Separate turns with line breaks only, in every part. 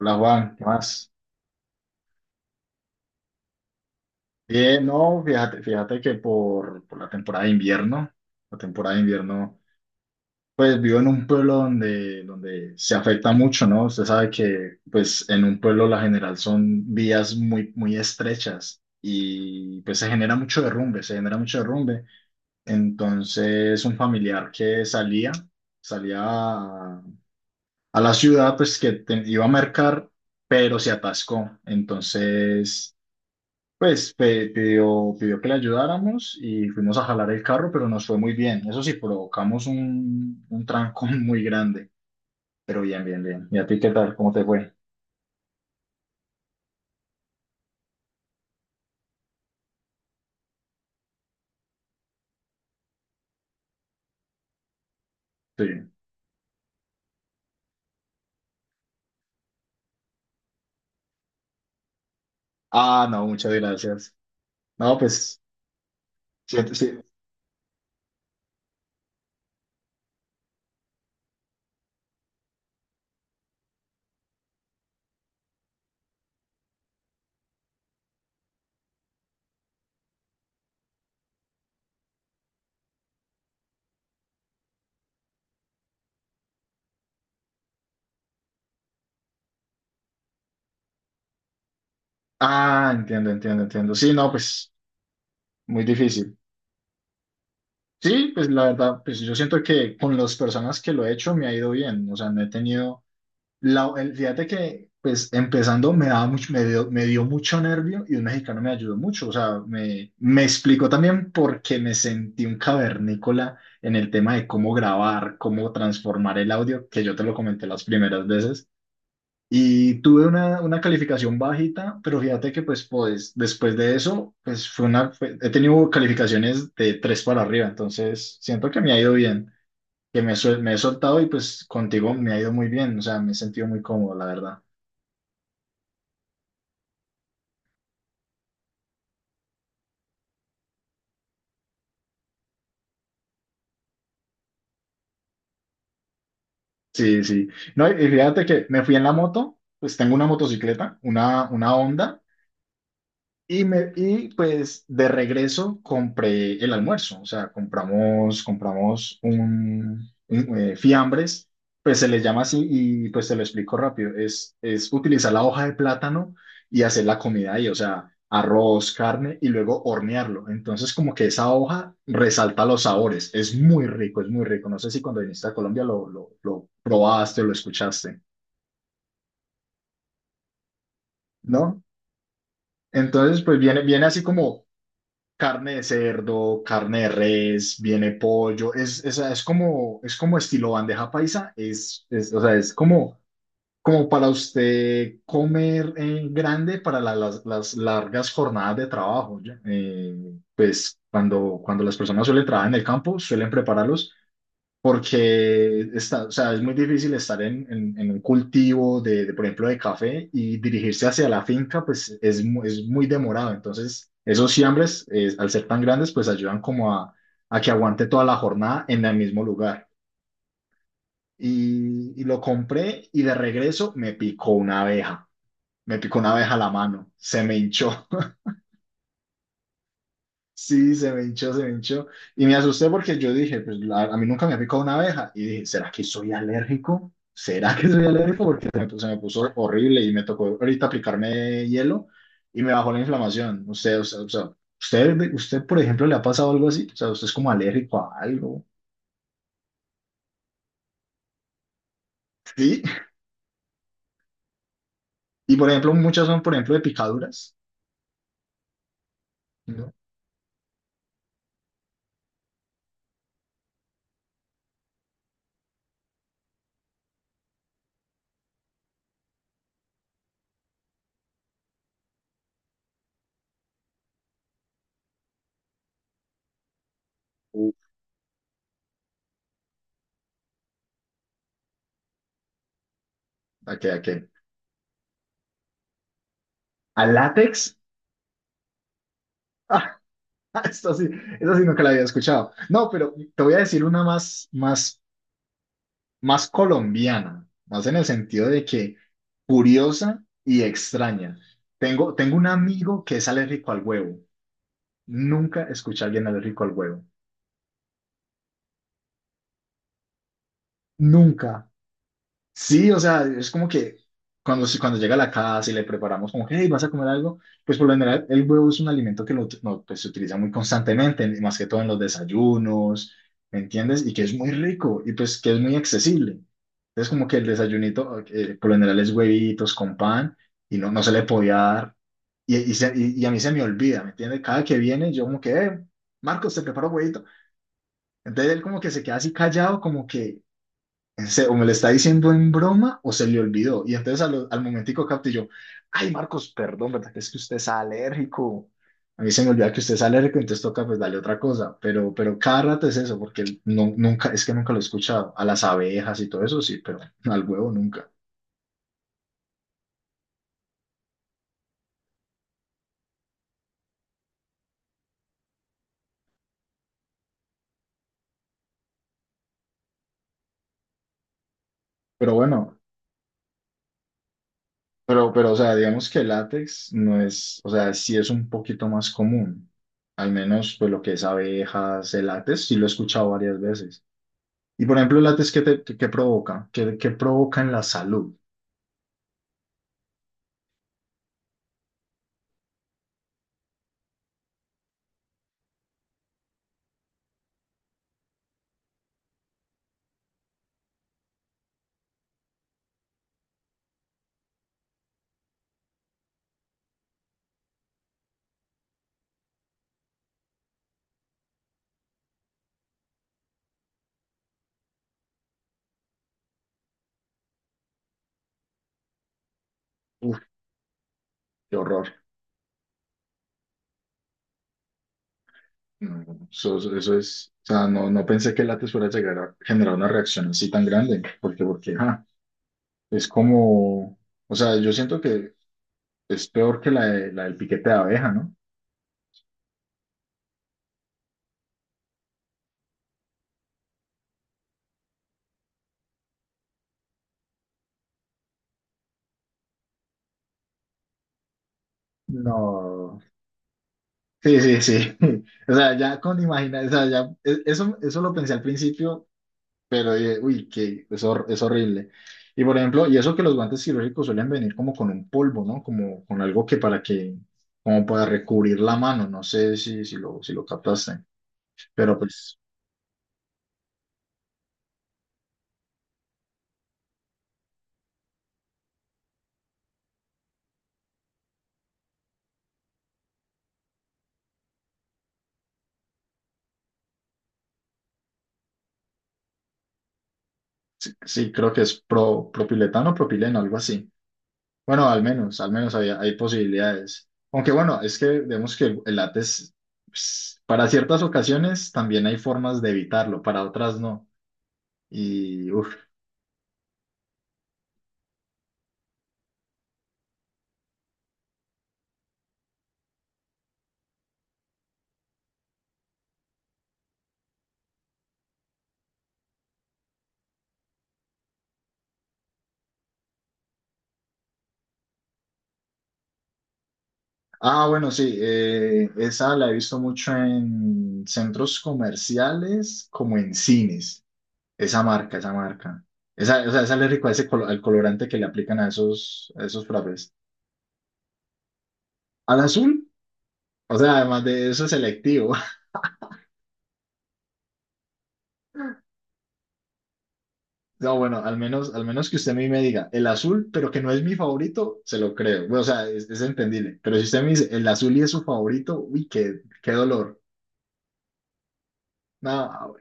Hola Juan, ¿qué más? Bien, no, fíjate que por la temporada de invierno, la temporada de invierno, pues vivo en un pueblo donde se afecta mucho, ¿no? Usted sabe que pues en un pueblo la general son vías muy, muy estrechas y pues se genera mucho derrumbe, se genera mucho derrumbe. Entonces, un familiar que salía a la ciudad, pues que iba a mercar, pero se atascó. Entonces, pues, pidió que le ayudáramos y fuimos a jalar el carro, pero nos fue muy bien. Eso sí, provocamos un trancón muy grande, pero bien, bien, bien. ¿Y a ti qué tal? ¿Cómo te fue? Sí. Ah, no, muchas gracias. No, pues, sí, sí. Ah, entiendo, entiendo, entiendo. Sí, no, pues, muy difícil. Sí, pues la verdad, pues yo siento que con las personas que lo he hecho me ha ido bien. O sea, no he tenido. Fíjate que, pues, empezando me dio mucho nervio y un mexicano me ayudó mucho. O sea, me explicó también por qué me sentí un cavernícola en el tema de cómo grabar, cómo transformar el audio, que yo te lo comenté las primeras veces. Y tuve una calificación bajita, pero fíjate que, después de eso, pues, he tenido calificaciones de tres para arriba. Entonces, siento que me ha ido bien, que me he soltado, y pues contigo me ha ido muy bien. O sea, me he sentido muy cómodo, la verdad. Sí, sí. No, y fíjate que me fui en la moto. Pues tengo una motocicleta, una Honda. Y pues de regreso compré el almuerzo. O sea, compramos un fiambres, pues se les llama así, y pues te lo explico rápido. Es utilizar la hoja de plátano y hacer la comida ahí, o sea, arroz, carne y luego hornearlo. Entonces, como que esa hoja resalta los sabores, es muy rico, es muy rico. No sé si cuando viniste a Colombia lo probaste o lo escuchaste, ¿no? Entonces, pues viene así como carne de cerdo, carne de res, viene pollo. Es como estilo bandeja paisa. Es, o sea, es como, Como para usted comer, grande para las largas jornadas de trabajo, ¿ya? Pues cuando las personas suelen trabajar en el campo, suelen prepararlos porque es muy difícil estar en un cultivo por ejemplo, de café y dirigirse hacia la finca. Pues es muy demorado. Entonces, esos siembres, al ser tan grandes, pues ayudan como a que aguante toda la jornada en el mismo lugar. Y lo compré, y de regreso me picó una abeja, me picó una abeja a la mano, se me hinchó. Sí, se me hinchó, se me hinchó. Y me asusté porque yo dije, pues a mí nunca me ha picado una abeja. Y dije, ¿será que soy alérgico? ¿Será que soy alérgico? Porque se me puso horrible, y me tocó ahorita aplicarme hielo y me bajó la inflamación. Usted, o sea, usted, por ejemplo, ¿le ha pasado algo así? O sea, ¿usted es como alérgico a algo? Sí. Y, por ejemplo, muchas son, por ejemplo, de picaduras. ¿No? Uf, ¿a qué, a qué? ¿Al látex? Ah, esto sí, eso sí nunca la había escuchado. No, pero te voy a decir una más colombiana, más en el sentido de que curiosa y extraña. Tengo un amigo que es alérgico al huevo. Nunca escuché a alguien alérgico al huevo. Nunca. Sí, o sea, es como que cuando llega a la casa y le preparamos como que, hey, ¿vas a comer algo? Pues por lo general el huevo es un alimento que no, pues, se utiliza muy constantemente, más que todo en los desayunos, ¿me entiendes? Y que es muy rico y pues que es muy accesible. Entonces, como que el desayunito, por lo general, es huevitos con pan, y no, no se le podía dar. Y a mí se me olvida, ¿me entiendes? Cada que viene yo como que, Marcos, te preparo huevito. Entonces él como que se queda así callado, como que o me lo está diciendo en broma, o se le olvidó. Y entonces, momentico capté yo, ay, Marcos, perdón, ¿verdad que es que usted es alérgico? A mí se me olvida que usted es alérgico, entonces toca pues darle otra cosa. Pero cada rato es eso, porque no, nunca, es que nunca lo he escuchado. A las abejas y todo eso sí, pero al huevo nunca. Pero bueno, o sea, digamos que el látex no es, o sea, sí es un poquito más común. Al menos, pues lo que es abejas, el látex, sí lo he escuchado varias veces. Y, por ejemplo, el provoca, qué provoca en la salud. Uf, qué horror. No, eso es, o sea, no, no pensé que el látex fuera a llegar a generar una reacción así tan grande, porque, porque, ah, es como, o sea, yo siento que es peor que la del piquete de abeja, ¿no? No. Sí, sí, sí. O sea, ya con imaginar, o sea, ya, eso lo pensé al principio. Pero dije, uy, es horrible. Y, por ejemplo, y eso que los guantes quirúrgicos suelen venir como con un polvo, ¿no? Como con algo que para que, como para recubrir la mano, no sé si lo captaste. Pero pues sí, sí, creo que es propiletano, propileno, algo así. Bueno, al menos hay posibilidades. Aunque bueno, es que vemos que el látex, pues, para ciertas ocasiones también hay formas de evitarlo, para otras no. Y uff. Ah, bueno, sí, esa la he visto mucho en centros comerciales, como en cines. Esa marca, esa marca. Esa, o sea, esa le rico al colorante que le aplican a esos frappés. Al azul, o sea, además de eso es selectivo. No, bueno, al menos que usted a mí me diga el azul, pero que no es mi favorito, se lo creo. Bueno, o sea, es entendible. Pero si usted me dice el azul y es su favorito, uy, qué dolor. No,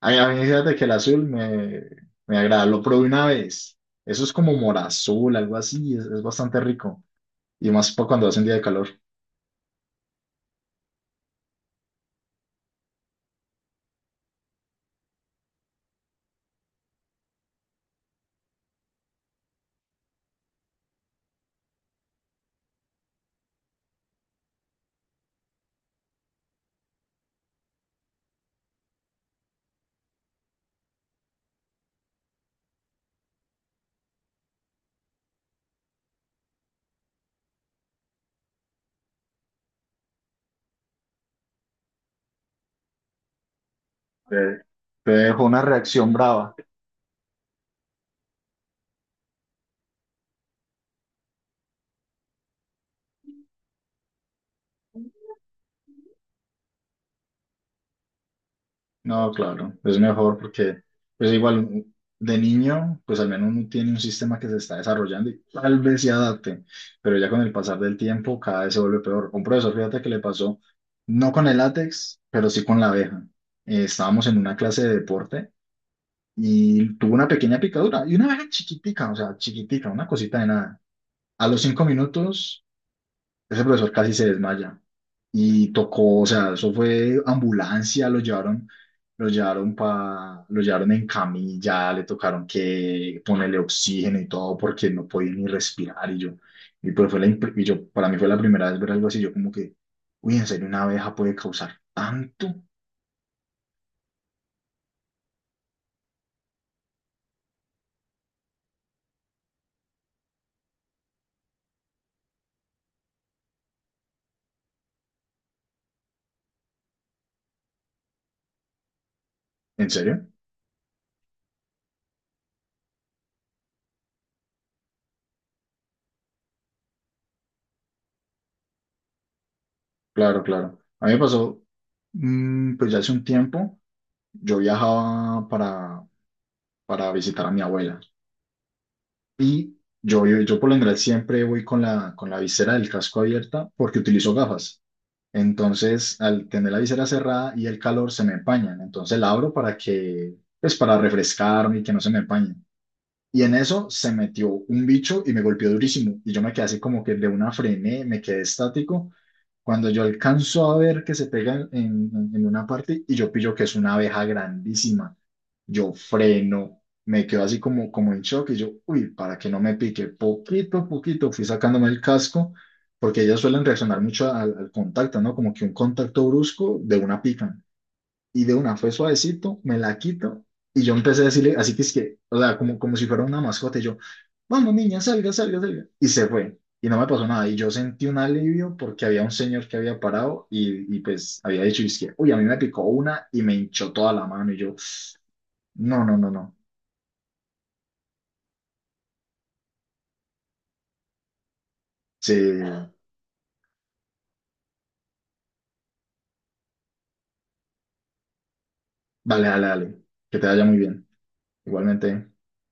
a mí, fíjate que el azul me agrada. Lo probé una vez. Eso es como morazul, algo así. Es bastante rico. Y más para cuando hace un día de calor. Te, te dejo una reacción brava. No, claro. Es mejor porque, pues igual, de niño, pues al menos uno tiene un sistema que se está desarrollando y tal vez se adapte. Pero ya con el pasar del tiempo, cada vez se vuelve peor. Un profesor, fíjate que le pasó, no con el látex, pero sí con la abeja. Estábamos en una clase de deporte. Y tuvo una pequeña picadura, y una abeja chiquitica, o sea, chiquitica, una cosita de nada. A los 5 minutos, ese profesor casi se desmaya, y tocó, o sea, eso fue ambulancia, lo llevaron en camilla, le tocaron que ponerle oxígeno y todo porque no podía ni respirar. Y yo, para mí fue la primera vez ver algo así. Yo como que, uy, en serio, una abeja puede causar tanto. ¿En serio? Claro, claro. A mí me pasó, pues ya hace un tiempo. Yo viajaba para visitar a mi abuela, y yo por lo general siempre voy con la visera del casco abierta porque utilizo gafas. Entonces, al tener la visera cerrada y el calor, se me empañan. Entonces la abro para que, pues, para refrescarme y que no se me empañe. Y en eso se metió un bicho y me golpeó durísimo. Y yo me quedé así como que de una frené, me quedé estático. Cuando yo alcanzo a ver que se pega en una parte y yo pillo que es una abeja grandísima, yo freno, me quedo así como en shock, y yo, uy, para que no me pique, poquito a poquito fui sacándome el casco, porque ellas suelen reaccionar mucho al contacto, ¿no? Como que un contacto brusco de una pican, y de una fue suavecito, me la quito, y yo empecé a decirle, así que es que, o sea, como si fuera una mascota, y yo, vamos niña, salga, salga, salga. Y se fue, y no me pasó nada, y yo sentí un alivio porque había un señor que había parado y pues había dicho, y es que, uy, a mí me picó una y me hinchó toda la mano, y yo, no, no, no, no. Sí, vale, dale, dale, que te vaya muy bien. Igualmente.